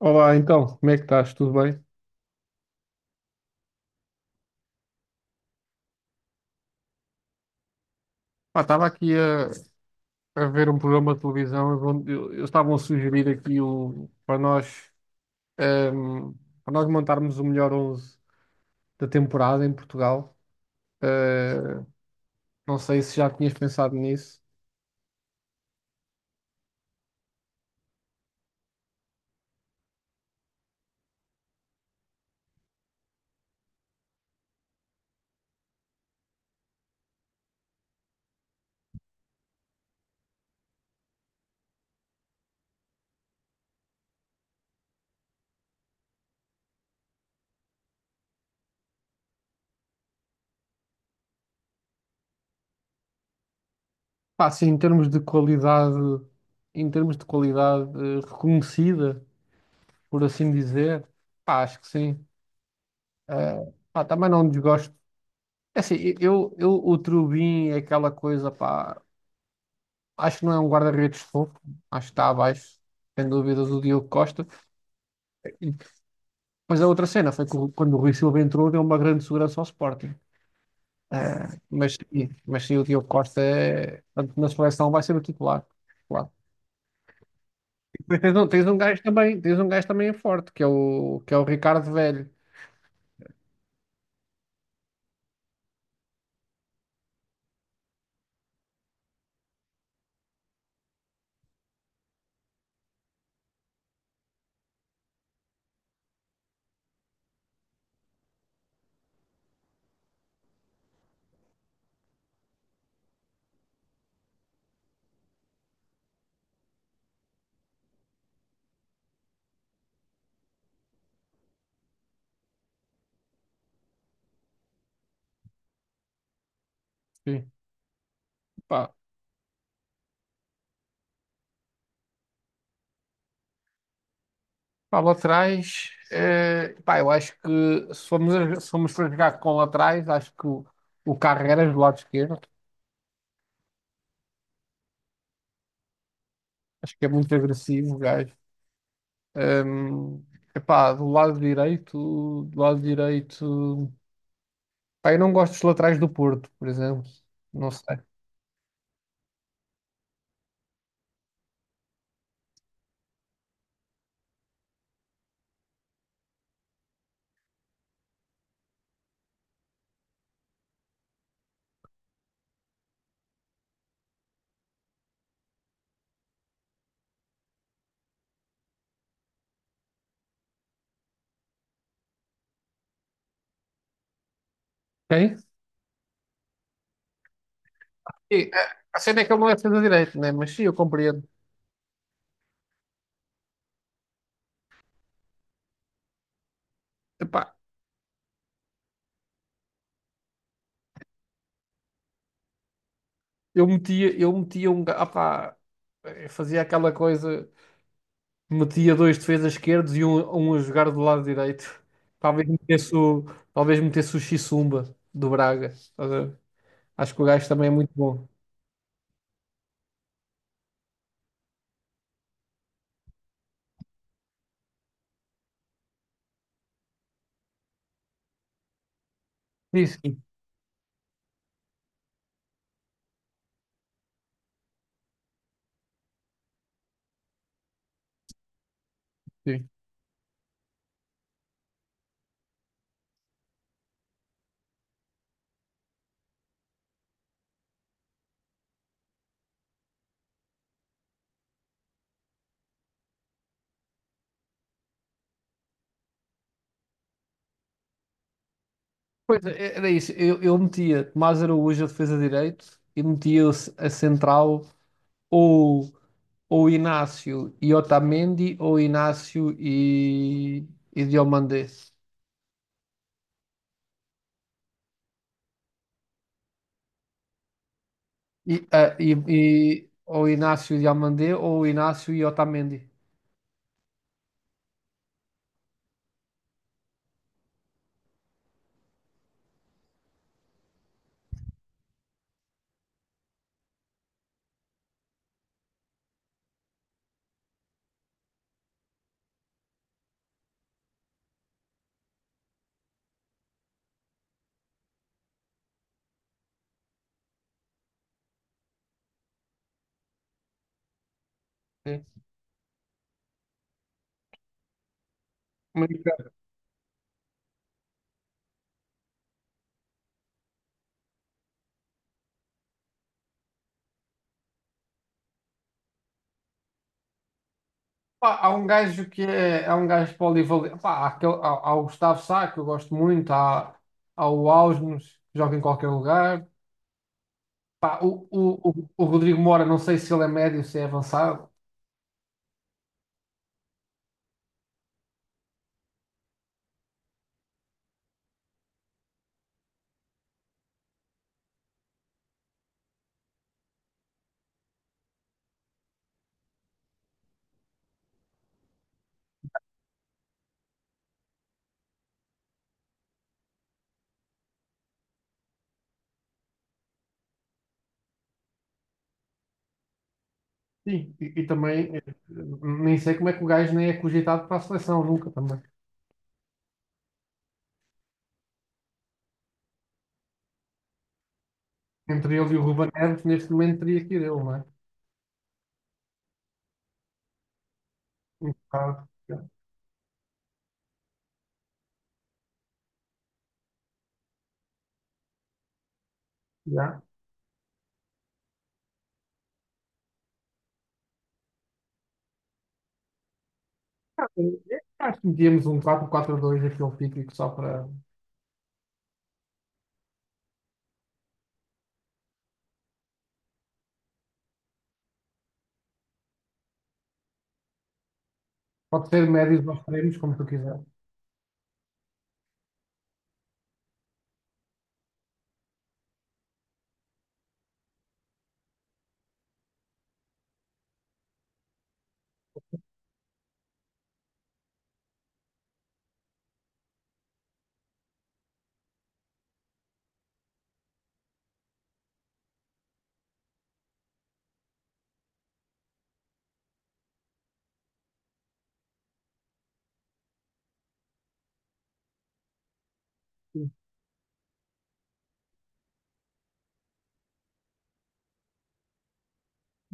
Olá, então, como é que estás? Tudo bem? Pá, estava aqui a ver um programa de televisão onde eles estavam a sugerir ehm, para nós montarmos o melhor 11 da temporada em Portugal. Eh, não sei se já tinhas pensado nisso. Pá, sim, em termos de qualidade, em termos de qualidade reconhecida, por assim dizer, pá, acho que sim. Pá, também não desgosto. É assim, eu, o Trubin é aquela coisa, pá. Acho que não é um guarda-redes fofo, acho que está abaixo, sem dúvidas, o Diogo Costa. E- Mas a outra cena foi que quando o Rui Silva entrou, deu uma grande segurança ao Sporting. Mas sim, o Diogo Costa é, tanto na seleção vai ser o titular. Claro. Depois tens um gajo também, tens um gajo também forte, que é o Ricardo Velho. Sim. Pá, pá, laterais, pá, eu acho que se formos, se formos para jogar com laterais, o Carreras do lado esquerdo, acho que é muito agressivo, o gajo. Ahm, Epá, do lado direito, do lado direito. Pá, eu não gosto dos laterais do Porto, por exemplo. Não sei. Quem? A cena é que ele não é defesa direito, né? Mas sim, eu compreendo. Epá, eu metia um. Pá, eu fazia aquela coisa, metia dois defesas esquerdos e um a jogar do lado direito. Talvez metesse o, talvez metesse o Chissumba do Braga. Estás a ver? Acho que o gajo também é muito bom. Isso. Sim. Sim. Pois é, era isso. Eu metia Tomás Araújo a defesa de direito e metia a central ou, ou Inácio e Otamendi ou e Diomandé. Ou Inácio e Diomandé ou Inácio e Otamendi. Sim. Muito bem. Pá, há um gajo polivalente. Pá, há o Gustavo Sá, que eu gosto muito, há o Ausnos, que joga em qualquer lugar. Pá, o Rodrigo Mora, não sei se ele é médio, se é avançado. Sim, e também nem sei como é que o gajo nem é cogitado para a seleção, nunca também. Entre ele e o Ruben Neves, neste momento teria que ir ele, não é? Um bocado. Já. Já. Acho que metíamos um 4-4-2 aquele típico só para. Pode ser médios ou extremos, como tu quiser.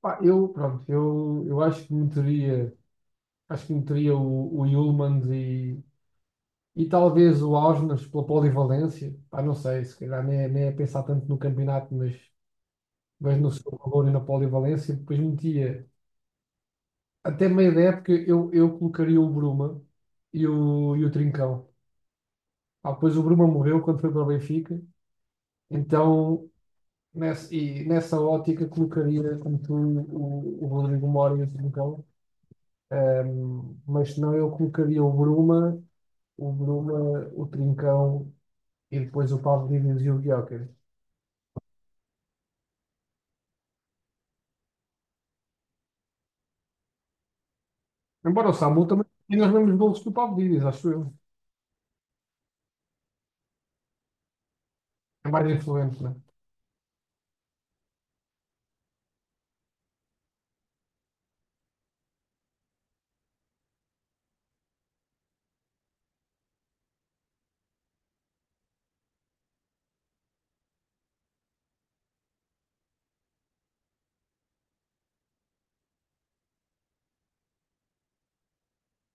Pá, eu, pronto, eu acho que meteria o Hjulmand e talvez o Augsburg pela polivalência, pá, não sei, se calhar nem é pensar tanto no campeonato, mas no seu valor e na polivalência, depois metia até meio da época eu colocaria o Bruma e o Trincão. Ah, depois o Bruma morreu quando foi para o Benfica, então nessa ótica colocaria como tu o Rodrigo Mora e o Trincão. Mas senão eu colocaria o Bruma, o Bruma, o Trincão e depois o Paulo Díaz e o Gyökeres. Embora o Samu também tenha os mesmos golos que o Pavlidis, acho eu. É mais influente, né?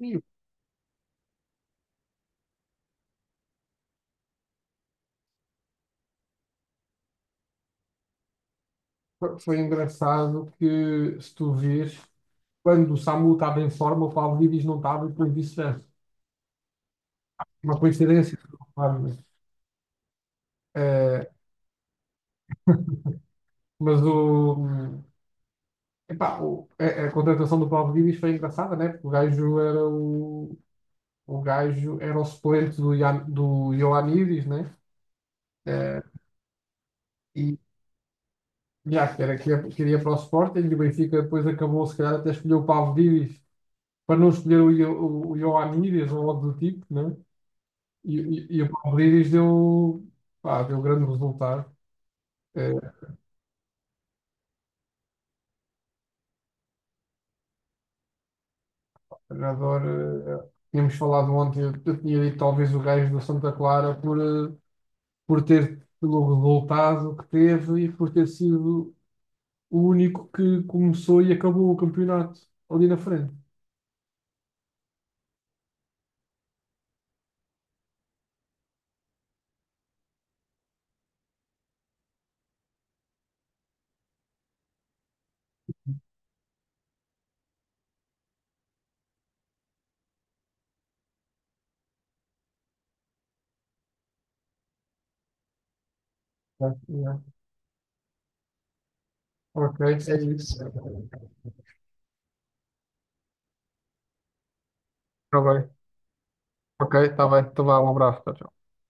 E Foi engraçado que, se tu vês, quando o Samu estava em forma, o Pavlidis não estava e depois vice-versa. Uma coincidência, claro, mas, eh, mas o, epá, a contratação do Pavlidis foi engraçada, né? Porque o gajo era o suplente do, do Ioannidis, né? Eh, e já, que era, que queria para o Sporting e o Benfica depois acabou, se calhar, até escolheu o Pavlidis para não escolher o Ioannidis ou algo do tipo, né? E, e o Palmeiras deu, pá, deu grande resultado. Eh, Adoro. Tínhamos falado ontem, eu tinha dito talvez o gajo do Santa Clara por, por ter pelo resultado que teve e por ter sido o único que começou e acabou o campeonato ali na frente. Tá, yeah. Ok, é isso. Está bem. Ok, está bem. Então vá, um abraço. Tchau, tchau.